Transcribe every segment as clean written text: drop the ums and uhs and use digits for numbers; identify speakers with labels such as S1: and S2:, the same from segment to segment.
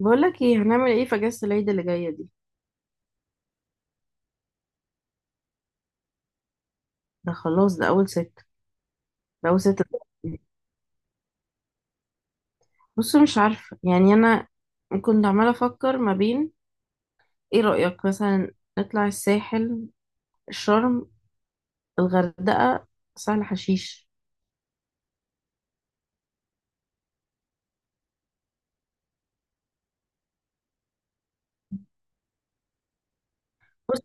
S1: بقولك ايه، هنعمل ايه في اجازة العيد اللي جاية دي؟ ده خلاص، ده اول ست. ده اول ست. بص، مش عارفة يعني. انا كنت عمالة افكر ما بين. ايه رأيك مثلا نطلع الساحل، الشرم، الغردقة، سهل حشيش؟ بص.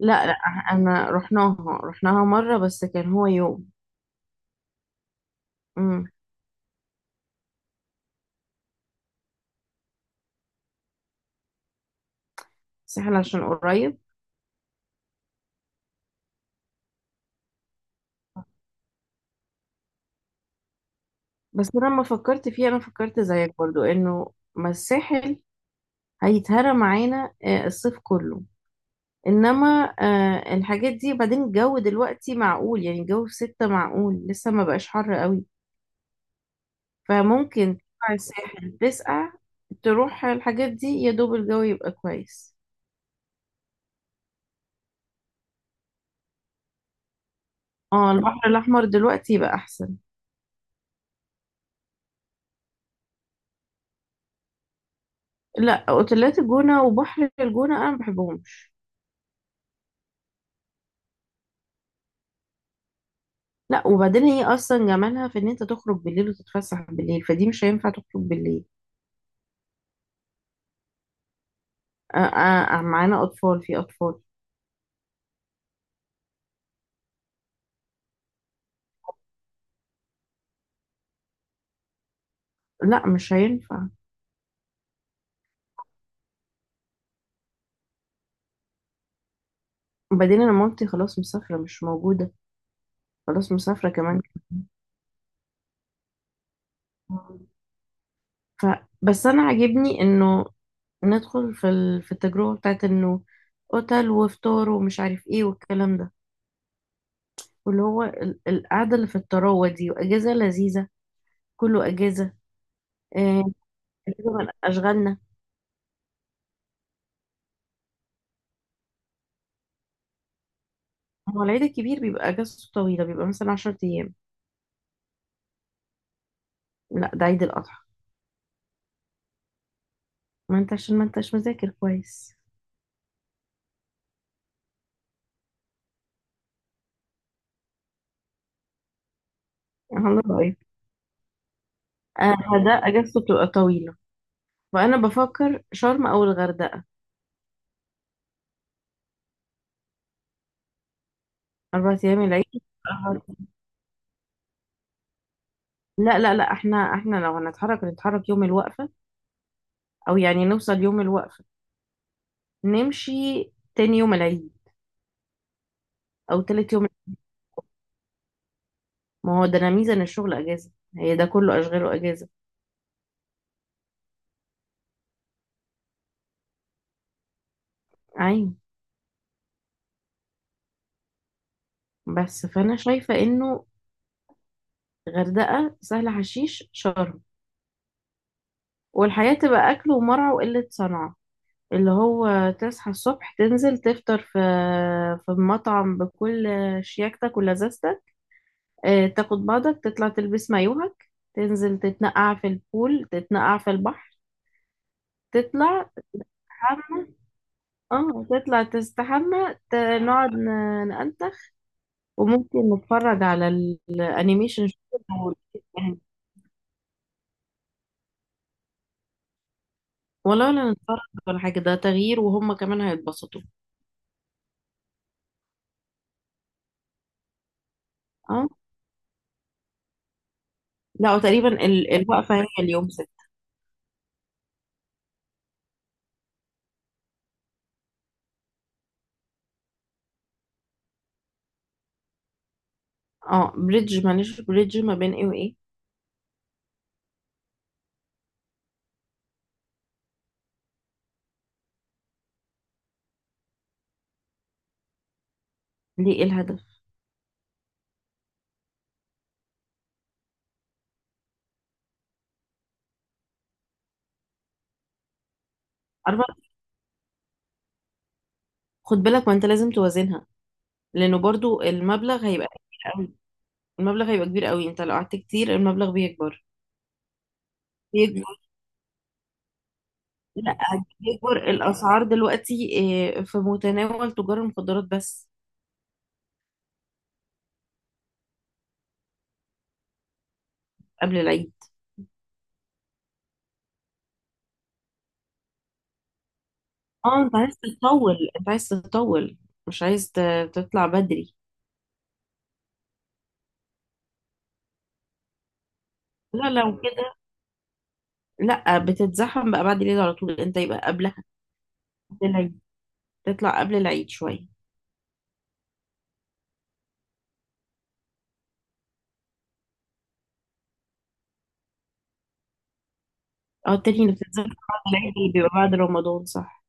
S1: لا لا، انا رحناها. رحناها مرة بس كان هو يوم. امم. الساحل عشان قريب. بس انا لما فكرت فيه انا فكرت زيك برضو انه ما الساحل هيتهرى معانا الصيف كله. انما الحاجات دي بعدين. الجو دلوقتي معقول، يعني الجو في ستة معقول لسه ما بقاش حر قوي. فممكن تطلع الساحل تسقع. تروح الحاجات دي يا دوب الجو يبقى كويس. اه، البحر الاحمر دلوقتي يبقى احسن. لا، اوتيلات الجونة وبحر الجونة انا ما بحبهمش. لا، وبعدين هي اصلا جمالها في ان انت تخرج بالليل وتتفسح بالليل، فدي مش هينفع تخرج بالليل. آه آه معانا اطفال، في اطفال. لا مش هينفع. وبعدين انا مامتي خلاص مسافرة، مش موجودة. خلاص مسافرة كمان. ف بس أنا عاجبني إنه ندخل في في التجربة بتاعت إنه أوتيل وفطار ومش عارف إيه والكلام ده، واللي هو القعدة اللي في الطراوة دي، وأجازة لذيذة. كله أجازة. آه، أجازة من أشغالنا. هو العيد الكبير بيبقى أجازته طويلة، بيبقى مثلا 10 أيام. لا، ده عيد الأضحى. ما أنت عشان ما أنتش مذاكر كويس. الله رأيك؟ فده أجازته بتبقى طويلة، فأنا بفكر شرم أو الغردقة. أربع أيام العيد. لا لا لا، احنا لو هنتحرك نتحرك يوم الوقفة، او يعني نوصل يوم الوقفة، نمشي تاني يوم العيد او تالت يوم. ما هو ده، انا ميزة ان الشغل اجازة. هي ده كله اشغاله اجازة. ايوه. بس فانا شايفة انه غردقة، سهل حشيش، شرم، والحياة تبقى اكل ومرعى وقلة صنعة. اللي هو تصحى الصبح، تنزل تفطر في مطعم بكل شياكتك ولذاذتك. اه، تاخد بعضك، تطلع تلبس مايوهك، تنزل تتنقع في البول، تتنقع في البحر، تطلع، تحمى. اه، تطلع تستحمى، نقعد نأنتخ. وممكن نتفرج على الانيميشن شوية لو يعني. ولا نتفرج ولا حاجة. ده تغيير، وهم كمان هيتبسطوا. اه. لا، وتقريبا الوقفة هي اليوم ستة. اه، بريدج. معلش، بريدج ما بين ايه وايه؟ ليه؟ ايه الهدف؟ أربعة. خد بالك، وانت لازم توازنها. لانه برضو المبلغ هيبقى كبير قوي. المبلغ هيبقى كبير قوي. انت لو قعدت كتير المبلغ بيكبر. لا، هتجبر الاسعار دلوقتي. في متناول تجار المخدرات بس. قبل العيد. اه، انت عايز تطول، انت عايز تطول. مش عايز تطلع بدري. لا، لو كده. لا، بتتزحم بقى بعد العيد على طول. انت يبقى قبلها. قبل العيد. تطلع قبل العيد شويه. اه، التاني اللي بتتزحم بعد العيد اللي بيبقى بعد رمضان، صح.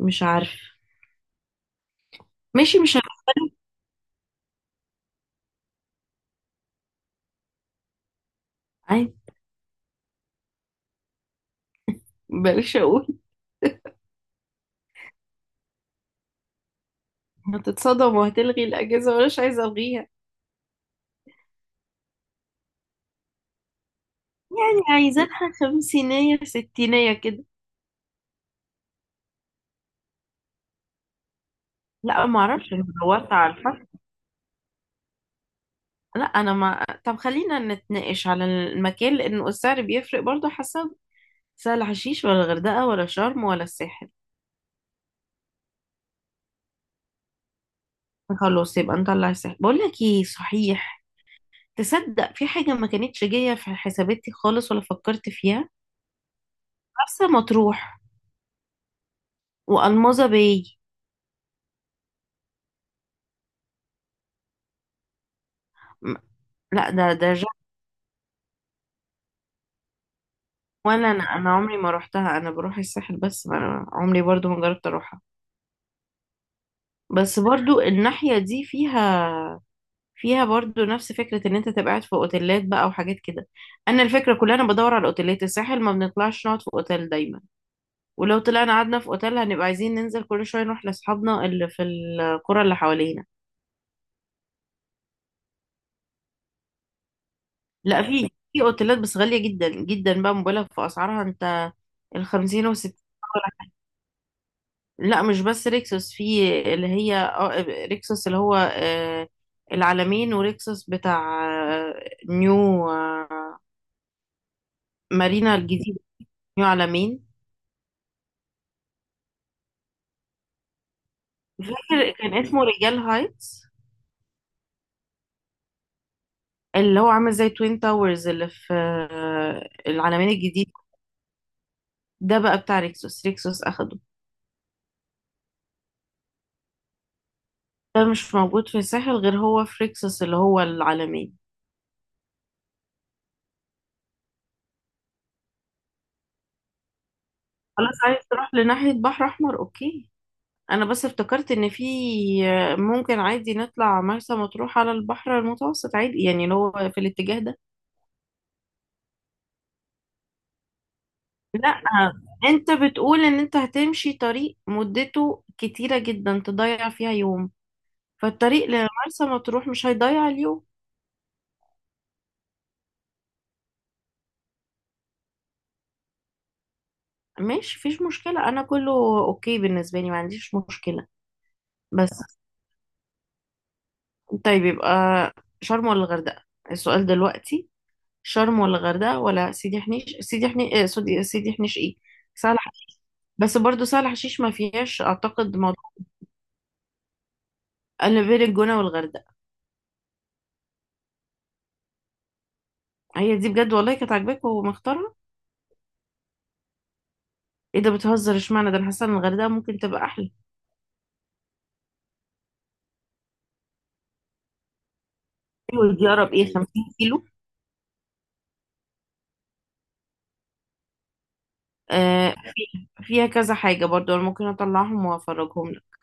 S1: مش عارف. ماشي، مش عارف. عادي، بلاش اقول. هتتصدم وهتلغي الاجازه ومش عايزه الغيها. يعني عايزينها خمسينية ستينية كده. لا، ما اعرفش. أنا دورت على الفرق. لا، انا ما طب خلينا نتناقش على المكان لانه السعر بيفرق برضو حسب. سهل حشيش ولا الغردقه ولا شرم ولا الساحل؟ خلاص يبقى نطلع الساحل. بقول لك ايه صحيح، تصدق في حاجه ما كانتش جايه في حساباتي خالص ولا فكرت فيها؟ مرسى مطروح والمظة باي. م- لا، ده ولا انا عمري ما روحتها. انا بروح الساحل بس، ما أنا عمري برضو ما جربت اروحها. بس برضو الناحيه دي فيها، برضو نفس فكرة ان انت تبقى قاعد في اوتيلات بقى وحاجات كده. انا الفكرة كلها انا بدور على اوتيلات الساحل، ما بنطلعش نقعد في اوتيل دايما. ولو طلعنا قعدنا في اوتيل هنبقى عايزين ننزل كل شوية نروح لاصحابنا اللي في القرى اللي حوالينا. لا، في اوتيلات بس غالية جدا جدا بقى، مبالغ في اسعارها انت. الخمسين والستين. لا، مش بس ريكسوس. في اللي هي ريكسوس، اللي هو العلمين. وريكسوس بتاع آه، نيو مارينا الجديد. نيو علمين. فاكر كان اسمه رجال هايتس. اللي هو عامل زي توين تاورز اللي في العلمين الجديد. ده بقى بتاع ريكسوس. اخده. ده مش موجود في الساحل غير هو في ريكسوس اللي هو العلمين. خلاص، عايز تروح لناحية بحر احمر، اوكي. انا بس افتكرت ان في، ممكن عادي نطلع مرسى مطروح على البحر المتوسط عادي، يعني اللي هو في الاتجاه ده. لا، انت بتقول ان انت هتمشي طريق مدته كتيرة جدا تضيع فيها يوم. فالطريق لمرسى مطروح مش هيضيع اليوم. ماشي، مفيش مشكلة. أنا كله أوكي بالنسبة لي. ما عنديش مشكلة. بس طيب، يبقى شرم ولا الغردقة؟ السؤال دلوقتي شرم ولا الغردقة ولا سيدي حنيش؟ سيدي حنيش إيه؟ سوري، سيدي حنيش إيه، سهل حشيش. بس برضو سهل حشيش ما فيهاش أعتقد موضوع. أنا بين الجونة والغردقة. هي دي بجد، والله كانت عاجباك ومختارها. إيه ده، بتهزر؟ اشمعنى ده، أنا حاسة إن الغردقة ممكن تبقى أحلى. حلوة، دي أقرب. إيه، 50 كيلو. فيها كذا حاجة برضو، أنا ممكن أطلعهم وأفرجهم لك.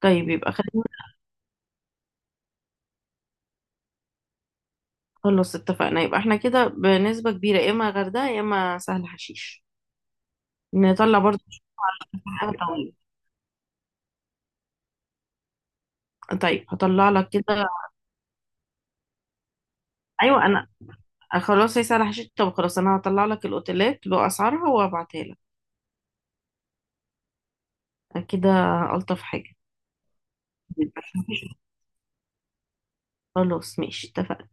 S1: طيب يبقى خلينا. خلاص، اتفقنا. يبقى احنا كده بنسبة كبيرة يا إما غردقة يا إما سهل حشيش. نطلع برضو حاجة طويلة. طيب هطلع لك كده. أيوة أنا، خلاص، هي سهل حشيش. طب خلاص، أنا هطلع لك الأوتيلات بأسعارها وأبعتها لك كده. ألطف حاجة. خلاص ماشي، اتفقنا.